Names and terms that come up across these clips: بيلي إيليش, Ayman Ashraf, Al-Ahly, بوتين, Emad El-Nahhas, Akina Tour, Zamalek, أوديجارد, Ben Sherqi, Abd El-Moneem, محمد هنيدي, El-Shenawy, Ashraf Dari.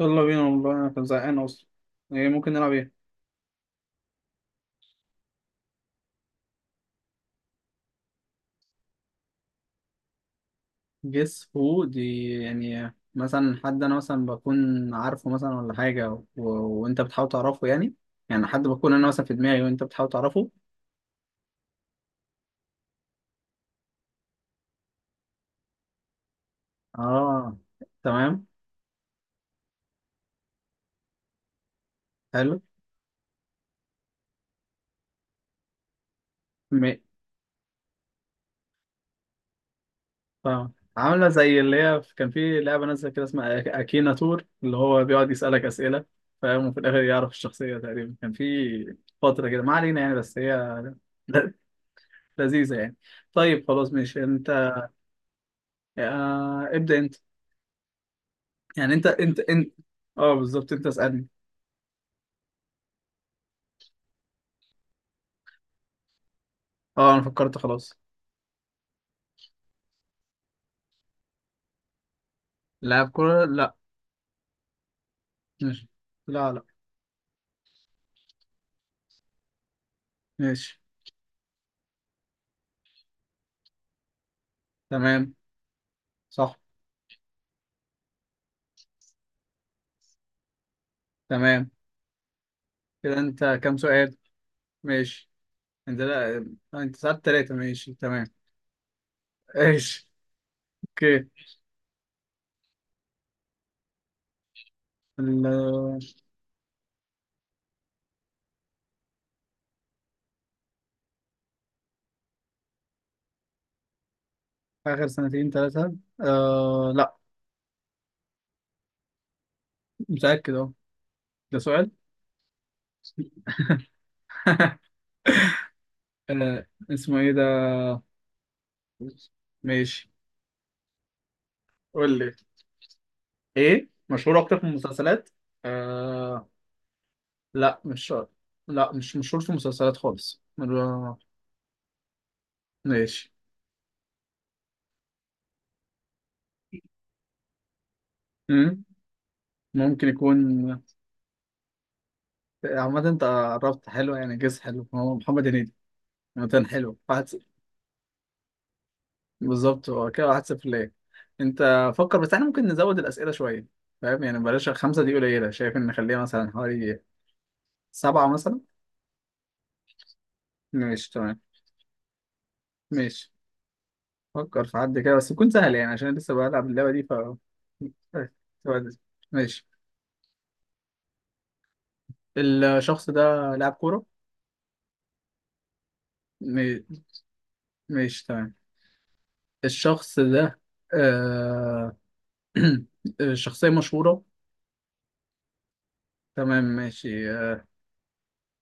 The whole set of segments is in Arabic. يلا بينا والله انا كنت زهقان اصلا. ايه ممكن نلعب؟ ايه جيس هو دي؟ يعني مثلا حد انا مثلا بكون عارفه مثلا ولا حاجه وانت بتحاول تعرفه يعني. يعني حد بكون انا مثلا في دماغي وانت بتحاول تعرفه. اه تمام، حلو. م... فاهم، عامله زي اللي هي كان في لعبه نازله كده اسمها اكينا تور اللي هو بيقعد يسالك اسئله. فاهم، وفي الاخر يعرف الشخصيه. تقريبا كان في فتره كده، ما علينا يعني، بس هي ل- لذيذه يعني. طيب خلاص ماشي. انت ابدأ انت. يعني انت. اه بالظبط، انت اسألني. اه انا فكرت خلاص. لاعب كورة؟ لا. ماشي. لا لا. ماشي تمام. صح. تمام. كده انت كام سؤال؟ ماشي. انت؟ لا. آه، انت سألت تلاتة، ماشي تمام. ماشي. اوكي. ال- آه، اخر سنتين تلاتة؟ آه لا. متأكد. اه. ده سؤال؟ آه اسمه ايه ده؟ ماشي، قول لي. ايه مشهور اكتر في المسلسلات؟ آه. لا مش شرط. لا مش مشهور في مسلسلات خالص ماشي. مم. ممكن يكون. عامة انت قربت، حلو يعني، جيس حلو. هو محمد هنيدي. عامة حلو، واحد صفر. بالظبط، هو كده واحد صفر ليه. انت فكر بس. احنا ممكن نزود الأسئلة شوية، فاهم يعني. بلاش خمسة، دي قليلة. شايف ان نخليها مثلا حوالي سبعة مثلا. ماشي تمام. ماشي. فكر في حد كده بس يكون سهل، يعني عشان لسه بلعب اللعبة دي، ف... ماشي. الشخص ده لاعب كورة؟ ماشي تمام. الشخص ده آه... شخصية مشهورة؟ تمام ماشي. آه...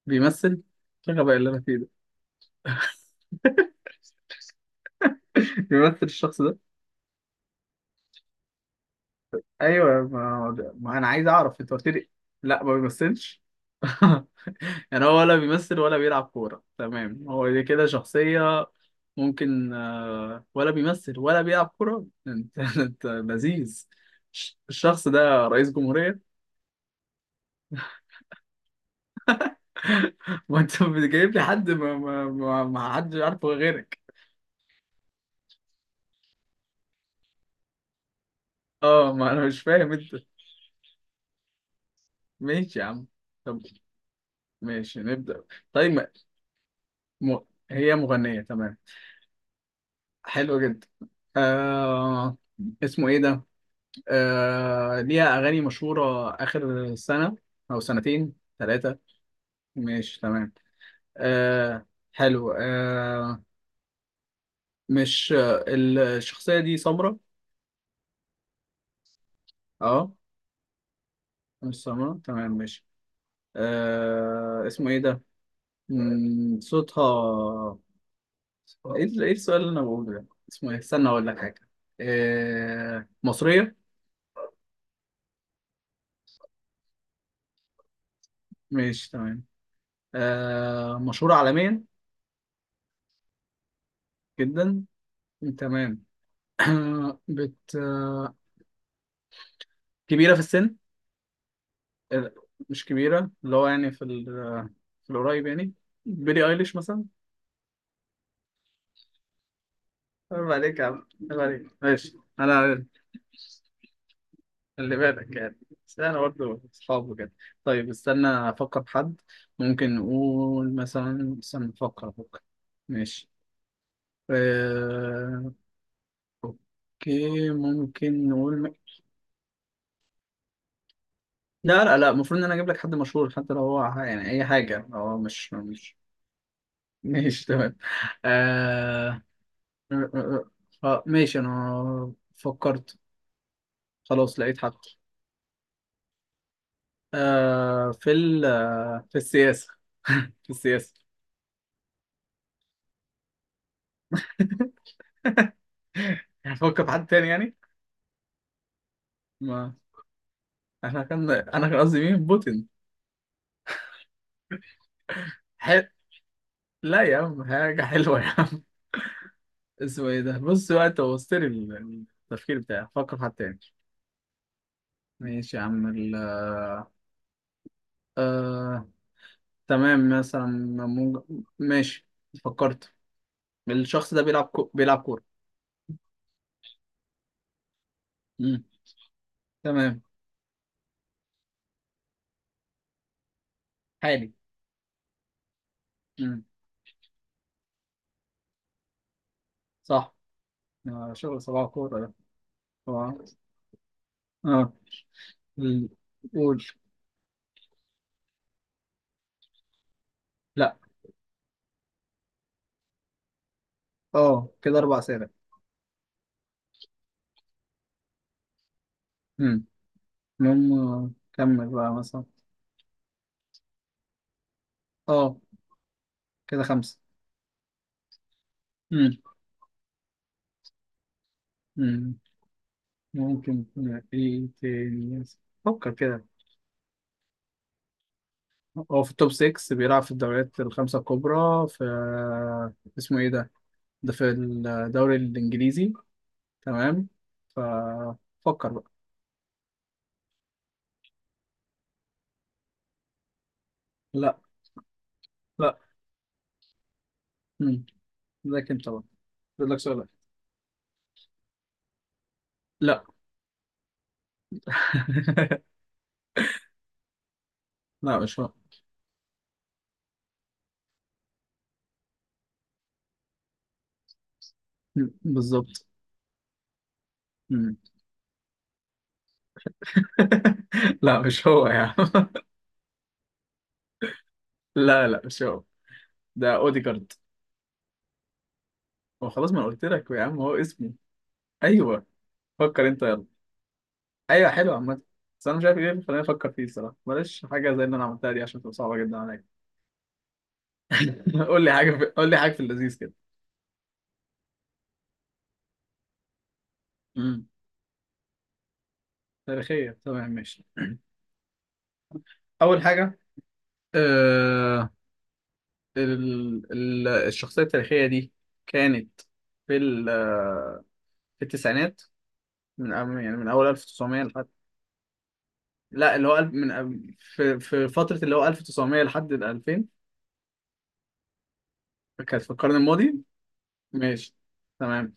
بيمثل؟ شغل بقى اللي انا فيه ده. بيمثل الشخص ده؟ ايوه، ما انا عايز اعرف، انت قلت لي. لا ما بيمثلش. يعني هو ولا بيمثل ولا بيلعب كورة، تمام. هو دي كده شخصية ممكن آه... ولا بيمثل ولا بيلعب كورة، انت انت لذيذ. الشخص ده رئيس جمهورية؟ ما انت جايب لي حد ما حدش عارفه غيرك. اه ما انا مش فاهم انت. ماشي يا عم. طب ماشي، نبدأ. طيب م... هي مغنية؟ تمام. حلو جدا. آه... اسمه ايه ده؟ آه... ليها اغاني مشهورة اخر سنة او سنتين، ثلاثة؟ ماشي تمام. آه... حلو آه... مش آه، الشخصية دي سمرة؟ اه. مش سمرة، تمام ماشي. آه... اسمه ايه ده؟ مم، صوتها. ايه إيه السؤال اللي انا بقوله ده؟ اسمه ايه؟ استنى اقول لك حاجه. آه... مصريه؟ ماشي تمام. آه... مشهوره عالميا؟ جدا. تمام. بت آه، كبيره في السن؟ آه، مش كبيره، اللي هو يعني في ال... في القريب يعني، بيلي ايليش مثلا. عيب عليك يا عم، عيب عليك. ماشي انا. خلي بالك يعني، بس انا برضه اصحابه كده. طيب استنى افكر في حد. ممكن نقول مثلا، استنى افكر. ماشي. آه... اوكي، ممكن نقول م... لا لا لا، المفروض ان انا اجيب لك حد مشهور، حتى لو هو يعني اي حاجه. هو مش ماشي تمام. آه... آه... آه، آه، آه، ماشي انا فكرت، خلاص لقيت حد. آه... في ال... آه، في السياسه. في السياسه. هفكر في حد تاني يعني. ما احنا كان انا كان قصدي مين؟ بوتين. حل... لا يا عم، حاجة حلوة يا عم. اسمه ايه ده؟ بص بقى، انت وصلت لي التفكير بتاعي. فكر في حد تاني. ماشي يا عم. ال آه... تمام. مثلا ممكن... ماشي، فكرت. الشخص ده بيلعب كورة. مم. تمام. حالي. مم. صح. آه شغل صباح كورة ده. اه. آه. ال- قول. لا. اه كده اربع اسئلة. مم. المهم آه، كمل بقى مثلا. اه كده خمسة. مم. مم. ممكن يكون ايه تاني؟ فكر كده. هو في التوب 6، بيلعب في الدوريات الخمسة الكبرى في... اسمه ايه ده؟ ده في الدوري الانجليزي، تمام. ففكر بقى. لا. لا. مم. ذاك انت بقى، بقول لك سؤال. لا. لا مش هو. مم. بالظبط. مم. لا مش هو يا عم. لا لا، مش هو. ده اوديجارد. هو خلاص، ما أنا قلت لك يا عم، هو اسمه... ايوه. فكر انت. ايوه حلو عامة. بس انا مش عارف ايه اللي خلاني افكر فيه الصراحة. بلاش حاجة زي اللي انا عملتها دي، عشان تبقى صعبة جدا عليا. قول لي حاجة في اللذيذ كده. امم. تاريخية؟ تمام ماشي. اول حاجة آه... الشخصية التاريخية دي كانت في ال... في التسعينات، من يعني من اول 1900 لحد... لا، اللي هو من في في فترة اللي هو 1900 لحد ال 2000. كانت في القرن الماضي. ماشي تمام.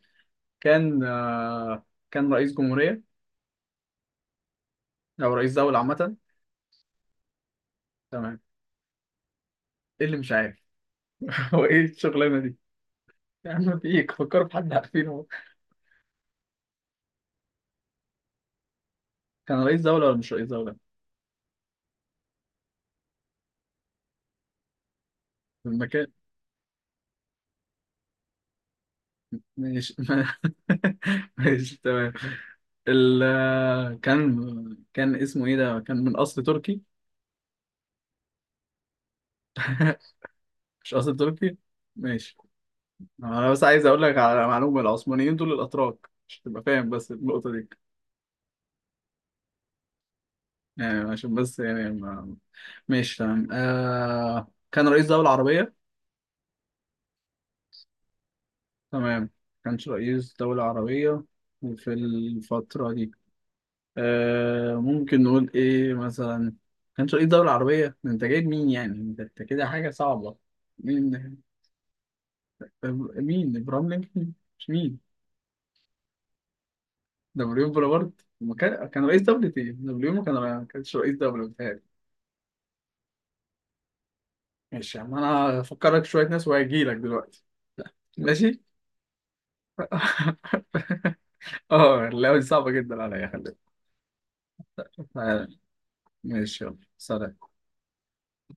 كان آه... كان رئيس جمهورية او رئيس دولة عامة. تمام. ايه اللي مش عارف؟ هو ايه الشغلانة دي يا عم؟ في ايه؟ فكروا في حد عارفينه. هو كان رئيس دولة ولا مش رئيس دولة؟ المكان. ماشي. ماشي تمام. ال كان كان اسمه ايه ده؟ كان من اصل تركي؟ مش اصل تركي، ماشي. انا بس عايز اقول لك على معلومة، العثمانيين دول الاتراك عشان تبقى فاهم بس النقطة دي. يعني عشان بس يعني ما... ماشي تمام. آه... كان رئيس دولة عربية؟ تمام. كانش رئيس دولة عربية في الفترة دي. آه ممكن نقول إيه مثلا؟ كانش رئيس دولة عربية. ده أنت جايب مين يعني؟ أنت أنت كده حاجة صعبة. مين؟ مين؟ إبراهيم لينكولن؟ مش مين؟ نابليون بونابرت؟ ما كان كان رئيس دولة إيه؟ نابليون ما كانش رئيس دولة بتهيألي. ماشي يا عم. أنا هفكرك شوية ناس وهجيلك دلوقتي. ماشي. اه اللعبة دي صعبة جدا عليا، خلي بالك. آه، ماشي يلا سلام.